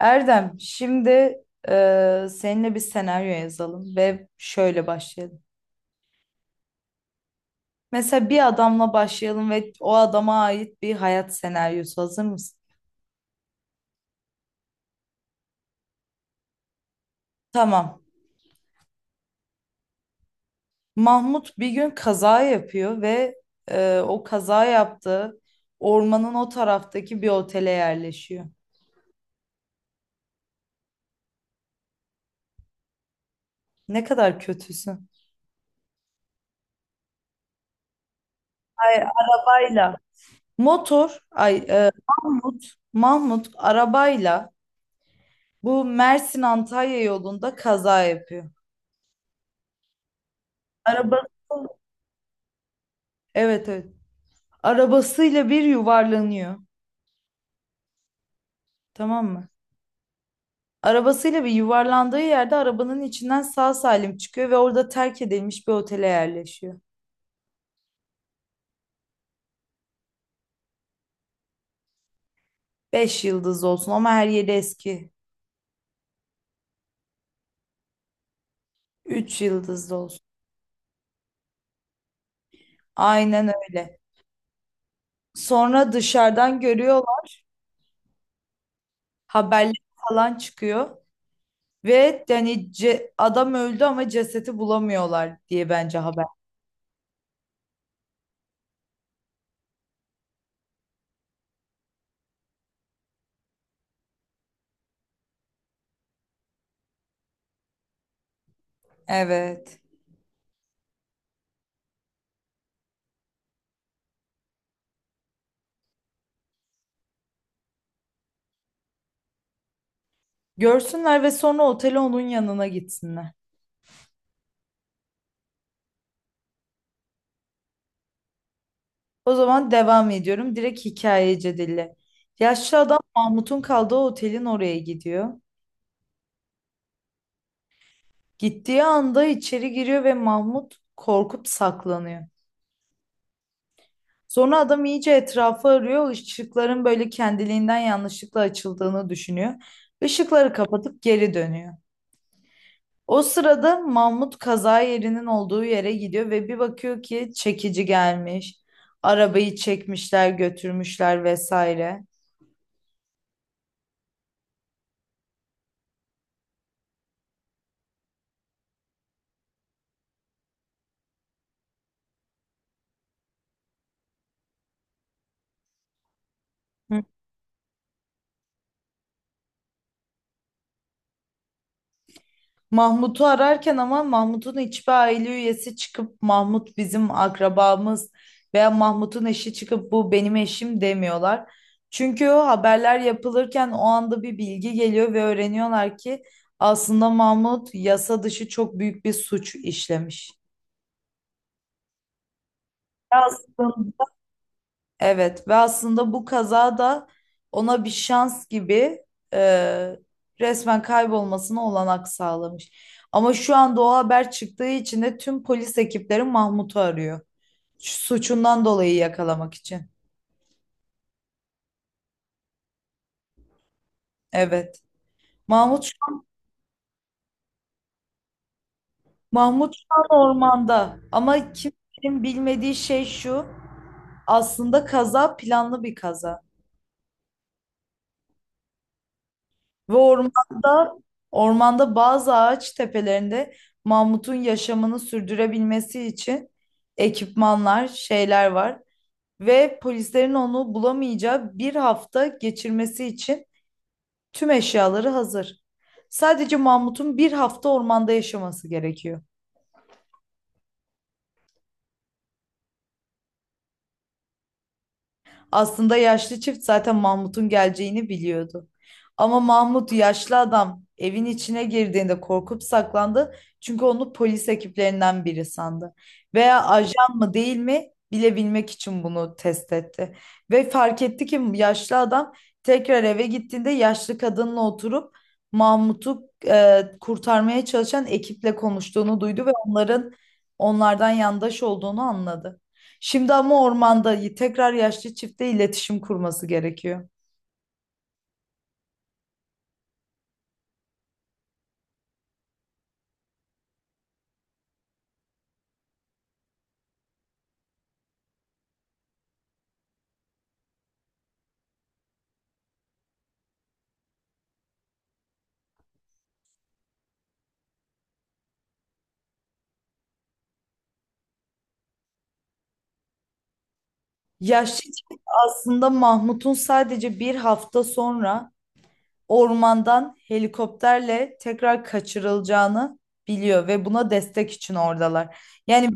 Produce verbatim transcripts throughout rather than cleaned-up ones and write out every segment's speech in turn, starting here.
Erdem, şimdi e, seninle bir senaryo yazalım ve şöyle başlayalım. Mesela bir adamla başlayalım ve o adama ait bir hayat senaryosu. Hazır mısın? Tamam. Mahmut bir gün kaza yapıyor ve e, o kaza yaptığı ormanın o taraftaki bir otele yerleşiyor. Ne kadar kötüsün. Ay, arabayla. Motor, ay e, Mahmut, Mahmut arabayla bu Mersin-Antalya yolunda kaza yapıyor. Arabası evet, evet. Arabasıyla bir yuvarlanıyor. Tamam mı? Arabasıyla bir yuvarlandığı yerde arabanın içinden sağ salim çıkıyor ve orada terk edilmiş bir otele yerleşiyor. Beş yıldızlı olsun ama her yeri eski. Üç yıldızlı olsun. Aynen öyle. Sonra dışarıdan görüyorlar. Haberler falan çıkıyor. Ve yani ce- adam öldü ama cesedi bulamıyorlar diye bence haber. Evet. Görsünler ve sonra otele onun yanına gitsinler. O zaman devam ediyorum. Direkt hikayece dille. Yaşlı adam Mahmut'un kaldığı otelin oraya gidiyor. Gittiği anda içeri giriyor ve Mahmut korkup saklanıyor. Sonra adam iyice etrafı arıyor. Işıkların böyle kendiliğinden yanlışlıkla açıldığını düşünüyor. Işıkları kapatıp geri dönüyor. O sırada Mahmut kaza yerinin olduğu yere gidiyor ve bir bakıyor ki çekici gelmiş. Arabayı çekmişler, götürmüşler vesaire. Hı. Mahmut'u ararken ama Mahmut'un hiçbir aile üyesi çıkıp Mahmut bizim akrabamız veya Mahmut'un eşi çıkıp bu benim eşim demiyorlar. Çünkü o haberler yapılırken o anda bir bilgi geliyor ve öğreniyorlar ki aslında Mahmut yasa dışı çok büyük bir suç işlemiş. Aslında Evet ve aslında bu kaza da ona bir şans gibi e, resmen kaybolmasına olanak sağlamış. Ama şu anda o haber çıktığı için de tüm polis ekipleri Mahmut'u arıyor. Şu Suçundan dolayı yakalamak için. Evet. Mahmut şu an, Mahmut şu an ormanda ama kimsenin bilmediği şey şu. Aslında kaza planlı bir kaza. Ve ormanda, ormanda bazı ağaç tepelerinde Mamut'un yaşamını sürdürebilmesi için ekipmanlar, şeyler var. Ve polislerin onu bulamayacağı bir hafta geçirmesi için tüm eşyaları hazır. Sadece Mamut'un bir hafta ormanda yaşaması gerekiyor. Aslında yaşlı çift zaten Mahmut'un geleceğini biliyordu. Ama Mahmut yaşlı adam evin içine girdiğinde korkup saklandı. Çünkü onu polis ekiplerinden biri sandı. Veya ajan mı değil mi bilebilmek için bunu test etti. Ve fark etti ki yaşlı adam tekrar eve gittiğinde yaşlı kadınla oturup Mahmut'u e, kurtarmaya çalışan ekiple konuştuğunu duydu ve onların onlardan yandaş olduğunu anladı. Şimdi ama ormanda tekrar yaşlı çifte iletişim kurması gerekiyor. Yaşlı çift aslında Mahmut'un sadece bir hafta sonra ormandan helikopterle tekrar kaçırılacağını biliyor ve buna destek için oradalar. Yani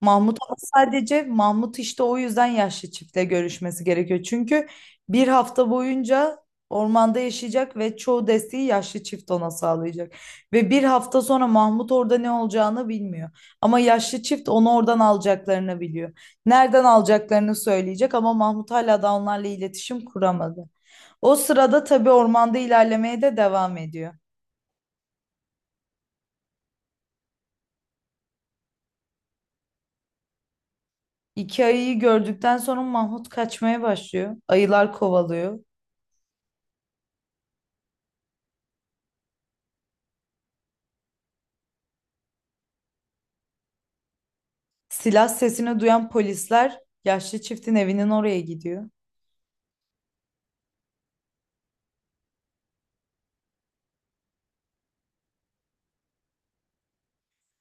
Mahmut ama sadece Mahmut işte o yüzden yaşlı çiftle görüşmesi gerekiyor. Çünkü bir hafta boyunca ormanda yaşayacak ve çoğu desteği yaşlı çift ona sağlayacak. Ve bir hafta sonra Mahmut orada ne olacağını bilmiyor. Ama yaşlı çift onu oradan alacaklarını biliyor. Nereden alacaklarını söyleyecek ama Mahmut hala da onlarla iletişim kuramadı. O sırada tabii ormanda ilerlemeye de devam ediyor. İki ayıyı gördükten sonra Mahmut kaçmaya başlıyor. Ayılar kovalıyor. Silah sesini duyan polisler yaşlı çiftin evinin oraya gidiyor.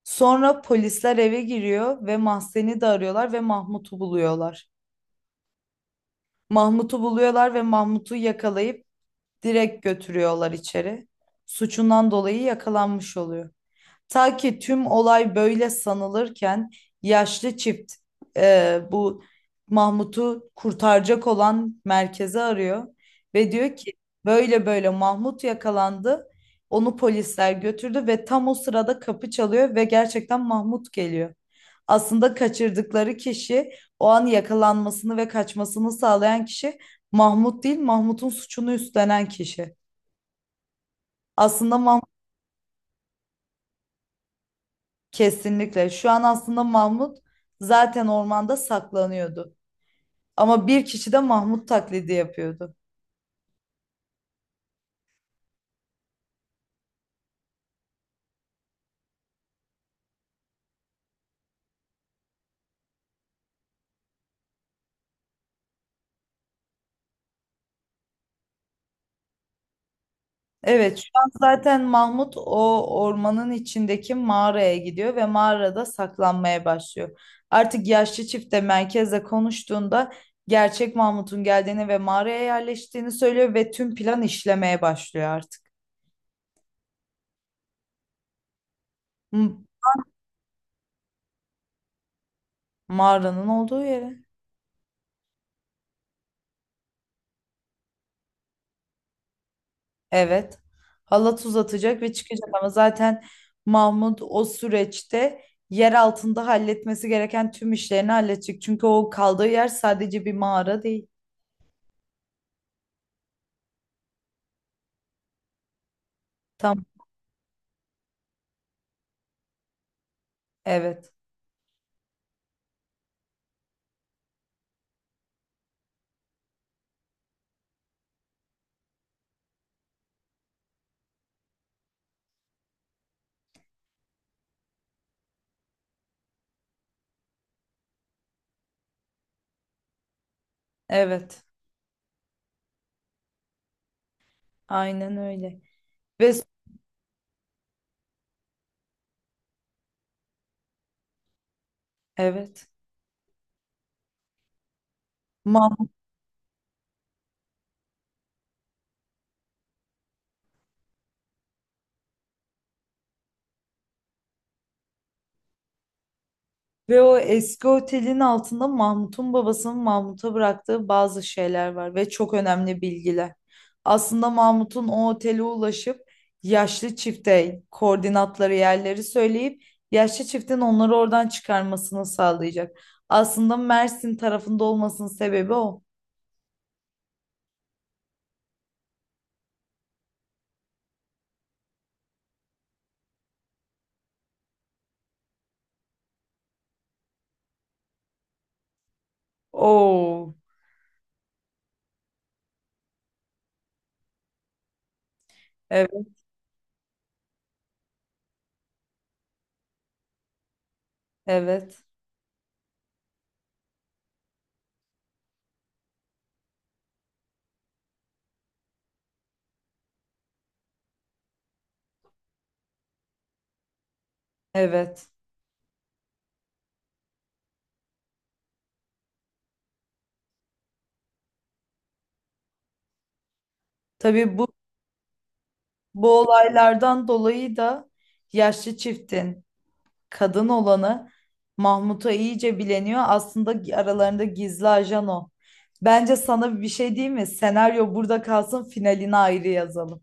Sonra polisler eve giriyor ve Mahzen'i de arıyorlar ve Mahmut'u buluyorlar. Mahmut'u buluyorlar ve Mahmut'u yakalayıp direkt götürüyorlar içeri. Suçundan dolayı yakalanmış oluyor. Ta ki tüm olay böyle sanılırken yaşlı çift e, bu Mahmut'u kurtaracak olan merkezi arıyor ve diyor ki böyle böyle Mahmut yakalandı. Onu polisler götürdü ve tam o sırada kapı çalıyor ve gerçekten Mahmut geliyor. Aslında kaçırdıkları kişi o an yakalanmasını ve kaçmasını sağlayan kişi Mahmut değil, Mahmut'un suçunu üstlenen kişi. Aslında Mahmut Kesinlikle. Şu an aslında Mahmut zaten ormanda saklanıyordu. Ama bir kişi de Mahmut taklidi yapıyordu. Evet, şu an zaten Mahmut o ormanın içindeki mağaraya gidiyor ve mağarada saklanmaya başlıyor. Artık yaşlı çift de merkezle konuştuğunda gerçek Mahmut'un geldiğini ve mağaraya yerleştiğini söylüyor ve tüm plan işlemeye başlıyor artık. M- Mağaranın olduğu yere. Evet. Halat uzatacak ve çıkacak ama zaten Mahmut o süreçte yer altında halletmesi gereken tüm işlerini halledecek. Çünkü o kaldığı yer sadece bir mağara değil. Tam evet. Evet. Aynen öyle. Ve evet. Ve o eski otelin altında Mahmut'un babasının Mahmut'a bıraktığı bazı şeyler var ve çok önemli bilgiler. Aslında Mahmut'un o otele ulaşıp yaşlı çifte koordinatları yerleri söyleyip yaşlı çiftin onları oradan çıkarmasını sağlayacak. Aslında Mersin tarafında olmasının sebebi o. Oo, evet, evet, evet. Tabii bu bu olaylardan dolayı da yaşlı çiftin kadın olanı Mahmut'a iyice bileniyor. Aslında aralarında gizli ajan o. Bence sana bir şey diyeyim mi? Senaryo burada kalsın, finalini ayrı yazalım.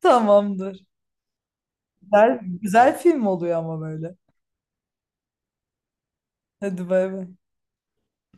Tamamdır. Güzel, güzel film oluyor ama böyle. Hadi bay bay.